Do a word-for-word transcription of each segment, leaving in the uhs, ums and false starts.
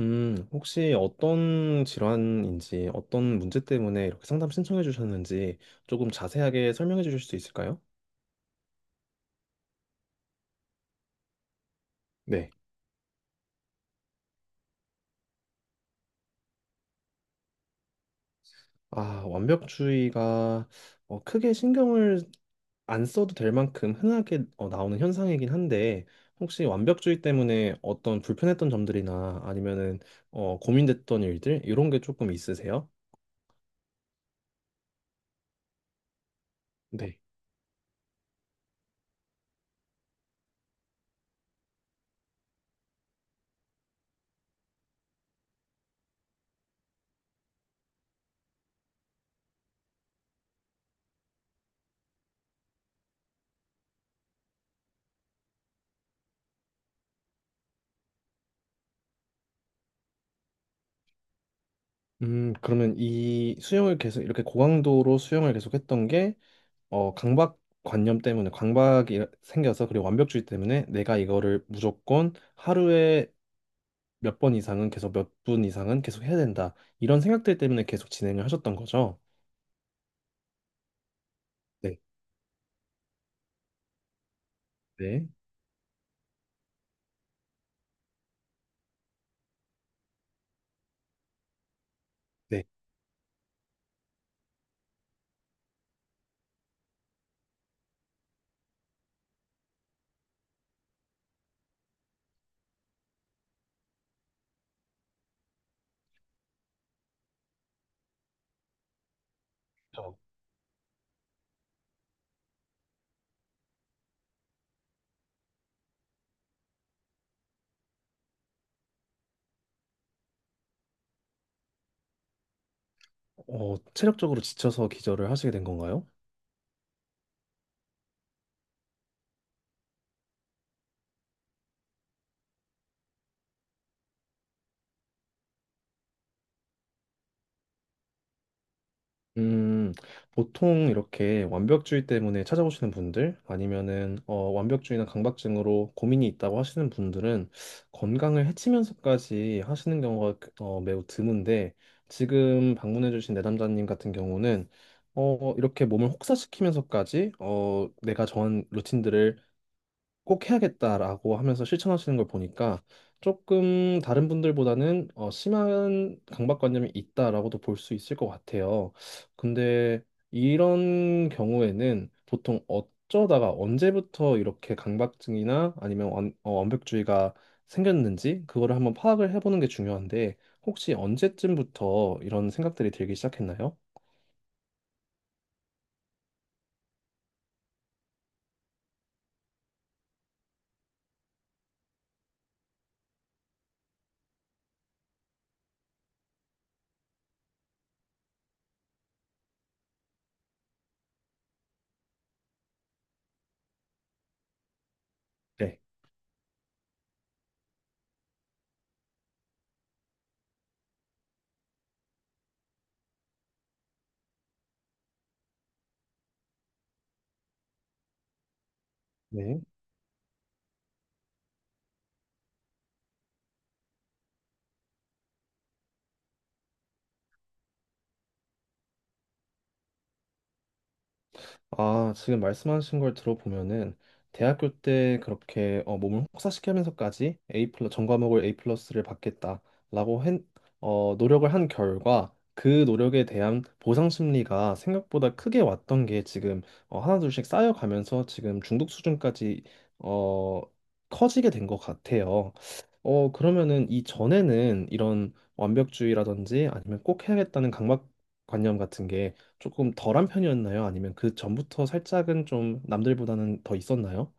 음, 혹시 어떤 질환인지, 어떤 문제 때문에 이렇게 상담 신청해 주셨는지 조금 자세하게 설명해 주실 수 있을까요? 네. 아, 완벽주의가 어, 크게 신경을 안 써도 될 만큼 흔하게 어, 나오는 현상이긴 한데, 혹시 완벽주의 때문에 어떤 불편했던 점들이나 아니면은 어, 고민됐던 일들, 이런 게 조금 있으세요? 네. 음, 그러면 이 수영을 계속 이렇게 고강도로 수영을 계속했던 게 어, 강박관념 때문에 강박이 생겨서 그리고 완벽주의 때문에 내가 이거를 무조건 하루에 몇 번 이상은 계속 몇 분 이상은 계속 해야 된다. 이런 생각들 때문에 계속 진행을 하셨던 거죠? 네, 네, 네. 저, 어, 체력적으로 지쳐서 기절을 하시게 된 건가요? 음, 보통 이렇게 완벽주의 때문에 찾아오시는 분들 아니면은 어, 완벽주의나 강박증으로 고민이 있다고 하시는 분들은 건강을 해치면서까지 하시는 경우가 그- 어, 매우 드문데 지금 방문해주신 내담자님 같은 경우는 어, 이렇게 몸을 혹사시키면서까지 어, 내가 정한 루틴들을 꼭 해야겠다라고 하면서 실천하시는 걸 보니까 조금 다른 분들보다는 어, 심한 강박관념이 있다라고도 볼 수 있을 것 같아요. 근데 이런 경우에는 보통 어쩌다가 언제부터 이렇게 강박증이나 아니면 완, 어, 완벽주의가 생겼는지 그거를 한번 파악을 해보는 게 중요한데 혹시 언제쯤부터 이런 생각들이 들기 시작했나요? 네. 네. 아, 지금 말씀하신 걸 들어보면은 대학교 때 그렇게 어, 몸을 혹사시키면서까지 A 플러 전 과목을 A 플러스를 받겠다라고 한 어, 노력을 한 결과 그 노력에 대한 보상 심리가 생각보다 크게 왔던 게 지금 어, 하나둘씩 쌓여가면서 지금 중독 수준까지 어, 커지게 된 것 같아요. 어, 그러면은 이전에는 이런 완벽주의라든지 아니면 꼭 해야겠다는 강박관념 같은 게 조금 덜한 편이었나요? 아니면 그 전부터 살짝은 좀 남들보다는 더 있었나요?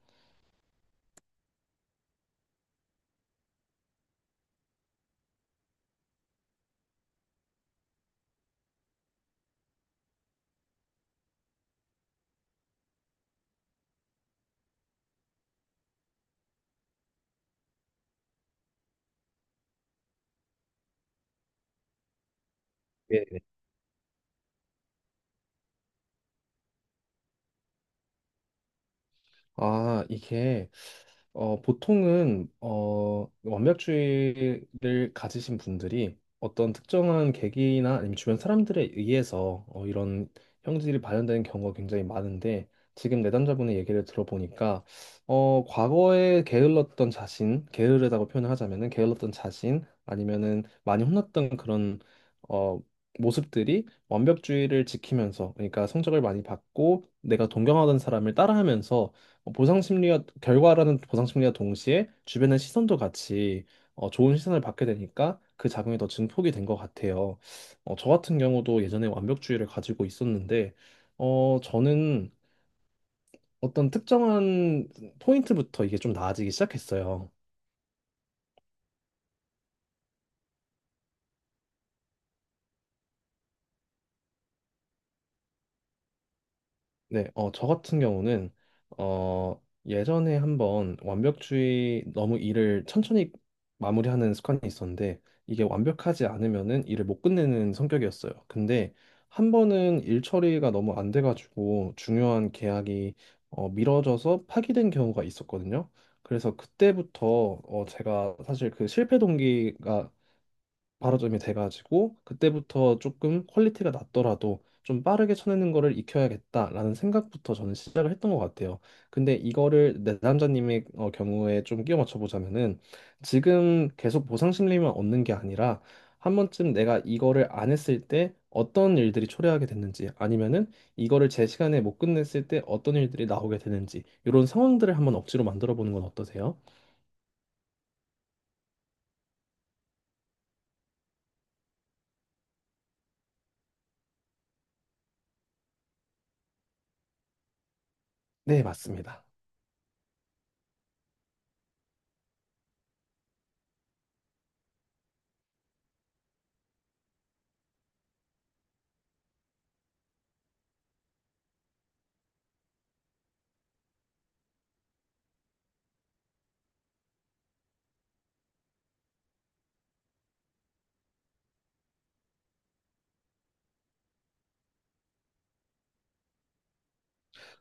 아, 이게 어, 보통은 어, 완벽주의를 가지신 분들이 어떤 특정한 계기나 아니면 주변 사람들에 의해서 어, 이런 형질이 발현되는 경우가 굉장히 많은데 지금 내담자분의 얘기를 들어보니까 어, 과거에 게을렀던 자신, 게으르다고 표현을 하자면은 게을렀던 자신 아니면은 많이 혼났던 그런 어, 모습들이 완벽주의를 지키면서 그러니까 성적을 많이 받고 내가 동경하던 사람을 따라하면서 보상 심리와 결과라는 보상 심리와 동시에 주변의 시선도 같이 어, 좋은 시선을 받게 되니까 그 작용이 더 증폭이 된 것 같아요. 어, 저 같은 경우도 예전에 완벽주의를 가지고 있었는데 어, 저는 어떤 특정한 포인트부터 이게 좀 나아지기 시작했어요. 네, 어, 저 같은 경우는 어, 예전에 한번 완벽주의 너무 일을 천천히 마무리하는 습관이 있었는데 이게 완벽하지 않으면은 일을 못 끝내는 성격이었어요. 근데 한 번은 일 처리가 너무 안 돼가지고 중요한 계약이 어, 미뤄져서 파기된 경우가 있었거든요. 그래서 그때부터 어, 제가 사실 그 실패 동기가 바로점이 돼가지고 그때부터 조금 퀄리티가 낮더라도 좀 빠르게 쳐내는 거를 익혀야겠다라는 생각부터 저는 시작을 했던 것 같아요. 근데 이거를 내 남자님의 어, 경우에 좀 끼워 맞춰보자면은 지금 계속 보상 심리만 얻는 게 아니라 한 번쯤 내가 이거를 안 했을 때 어떤 일들이 초래하게 됐는지 아니면은 이거를 제 시간에 못 끝냈을 때 어떤 일들이 나오게 되는지 이런 상황들을 한번 억지로 만들어 보는 건 어떠세요? 네, 맞습니다.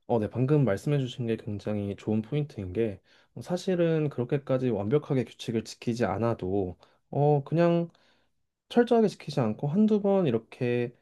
어, 네, 방금 말씀해주신 게 굉장히 좋은 포인트인 게 어, 사실은 그렇게까지 완벽하게 규칙을 지키지 않아도 어, 그냥 철저하게 지키지 않고 한두 번 이렇게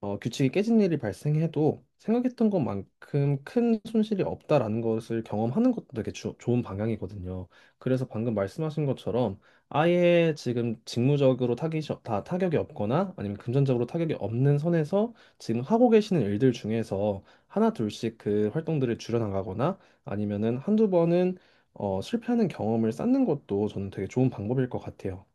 어, 규칙이 깨진 일이 발생해도 생각했던 것만큼 큰 손실이 없다라는 것을 경험하는 것도 되게 주- 좋은 방향이거든요. 그래서 방금 말씀하신 것처럼 아예 지금 직무적으로 타깃이, 없- 다 타격이 없거나 아니면 금전적으로 타격이 없는 선에서 지금 하고 계시는 일들 중에서 하나 둘씩 그 활동들을 줄여나가거나 아니면은 한두 번은 어, 실패하는 경험을 쌓는 것도 저는 되게 좋은 방법일 것 같아요.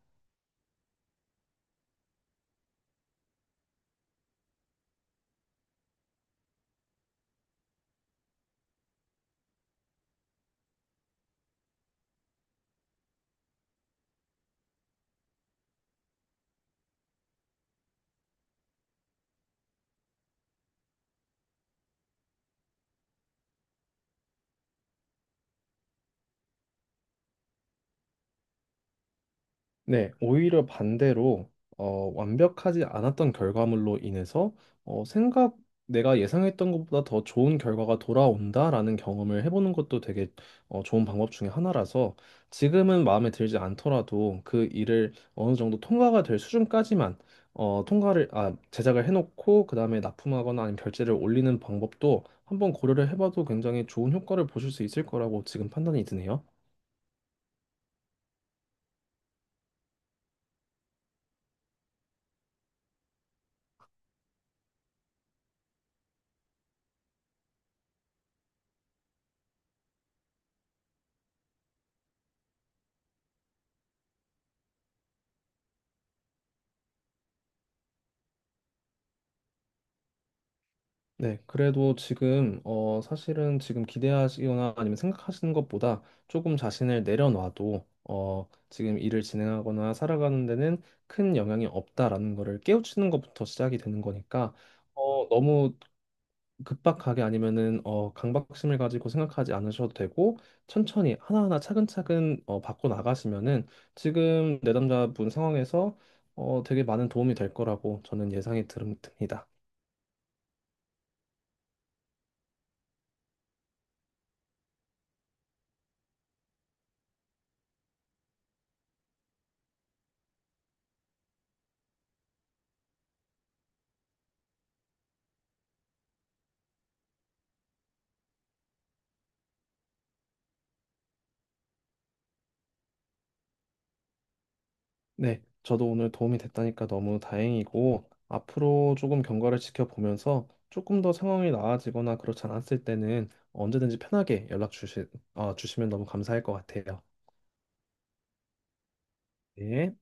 네, 오히려 반대로 어, 완벽하지 않았던 결과물로 인해서 어, 생각 내가 예상했던 것보다 더 좋은 결과가 돌아온다라는 경험을 해보는 것도 되게 어, 좋은 방법 중에 하나라서 지금은 마음에 들지 않더라도 그 일을 어느 정도 통과가 될 수준까지만 어, 통과를 아, 제작을 해놓고 그 다음에 납품하거나 아니면 결제를 올리는 방법도 한번 고려를 해봐도 굉장히 좋은 효과를 보실 수 있을 거라고 지금 판단이 드네요. 네, 그래도 지금 어 사실은 지금 기대하시거나 아니면 생각하시는 것보다 조금 자신을 내려놔도 어 지금 일을 진행하거나 살아가는 데는 큰 영향이 없다라는 거를 깨우치는 것부터 시작이 되는 거니까 어 너무 급박하게 아니면은 어 강박심을 가지고 생각하지 않으셔도 되고 천천히 하나하나 차근차근 어 바꿔 나가시면은 지금 내담자분 상황에서 어 되게 많은 도움이 될 거라고 저는 예상이 들- 듭니다. 네, 저도 오늘 도움이 됐다니까 너무 다행이고, 앞으로 조금 경과를 지켜보면서 조금 더 상황이 나아지거나 그렇지 않았을 때는 언제든지 편하게 연락 주시, 어, 주시면 너무 감사할 것 같아요. 네.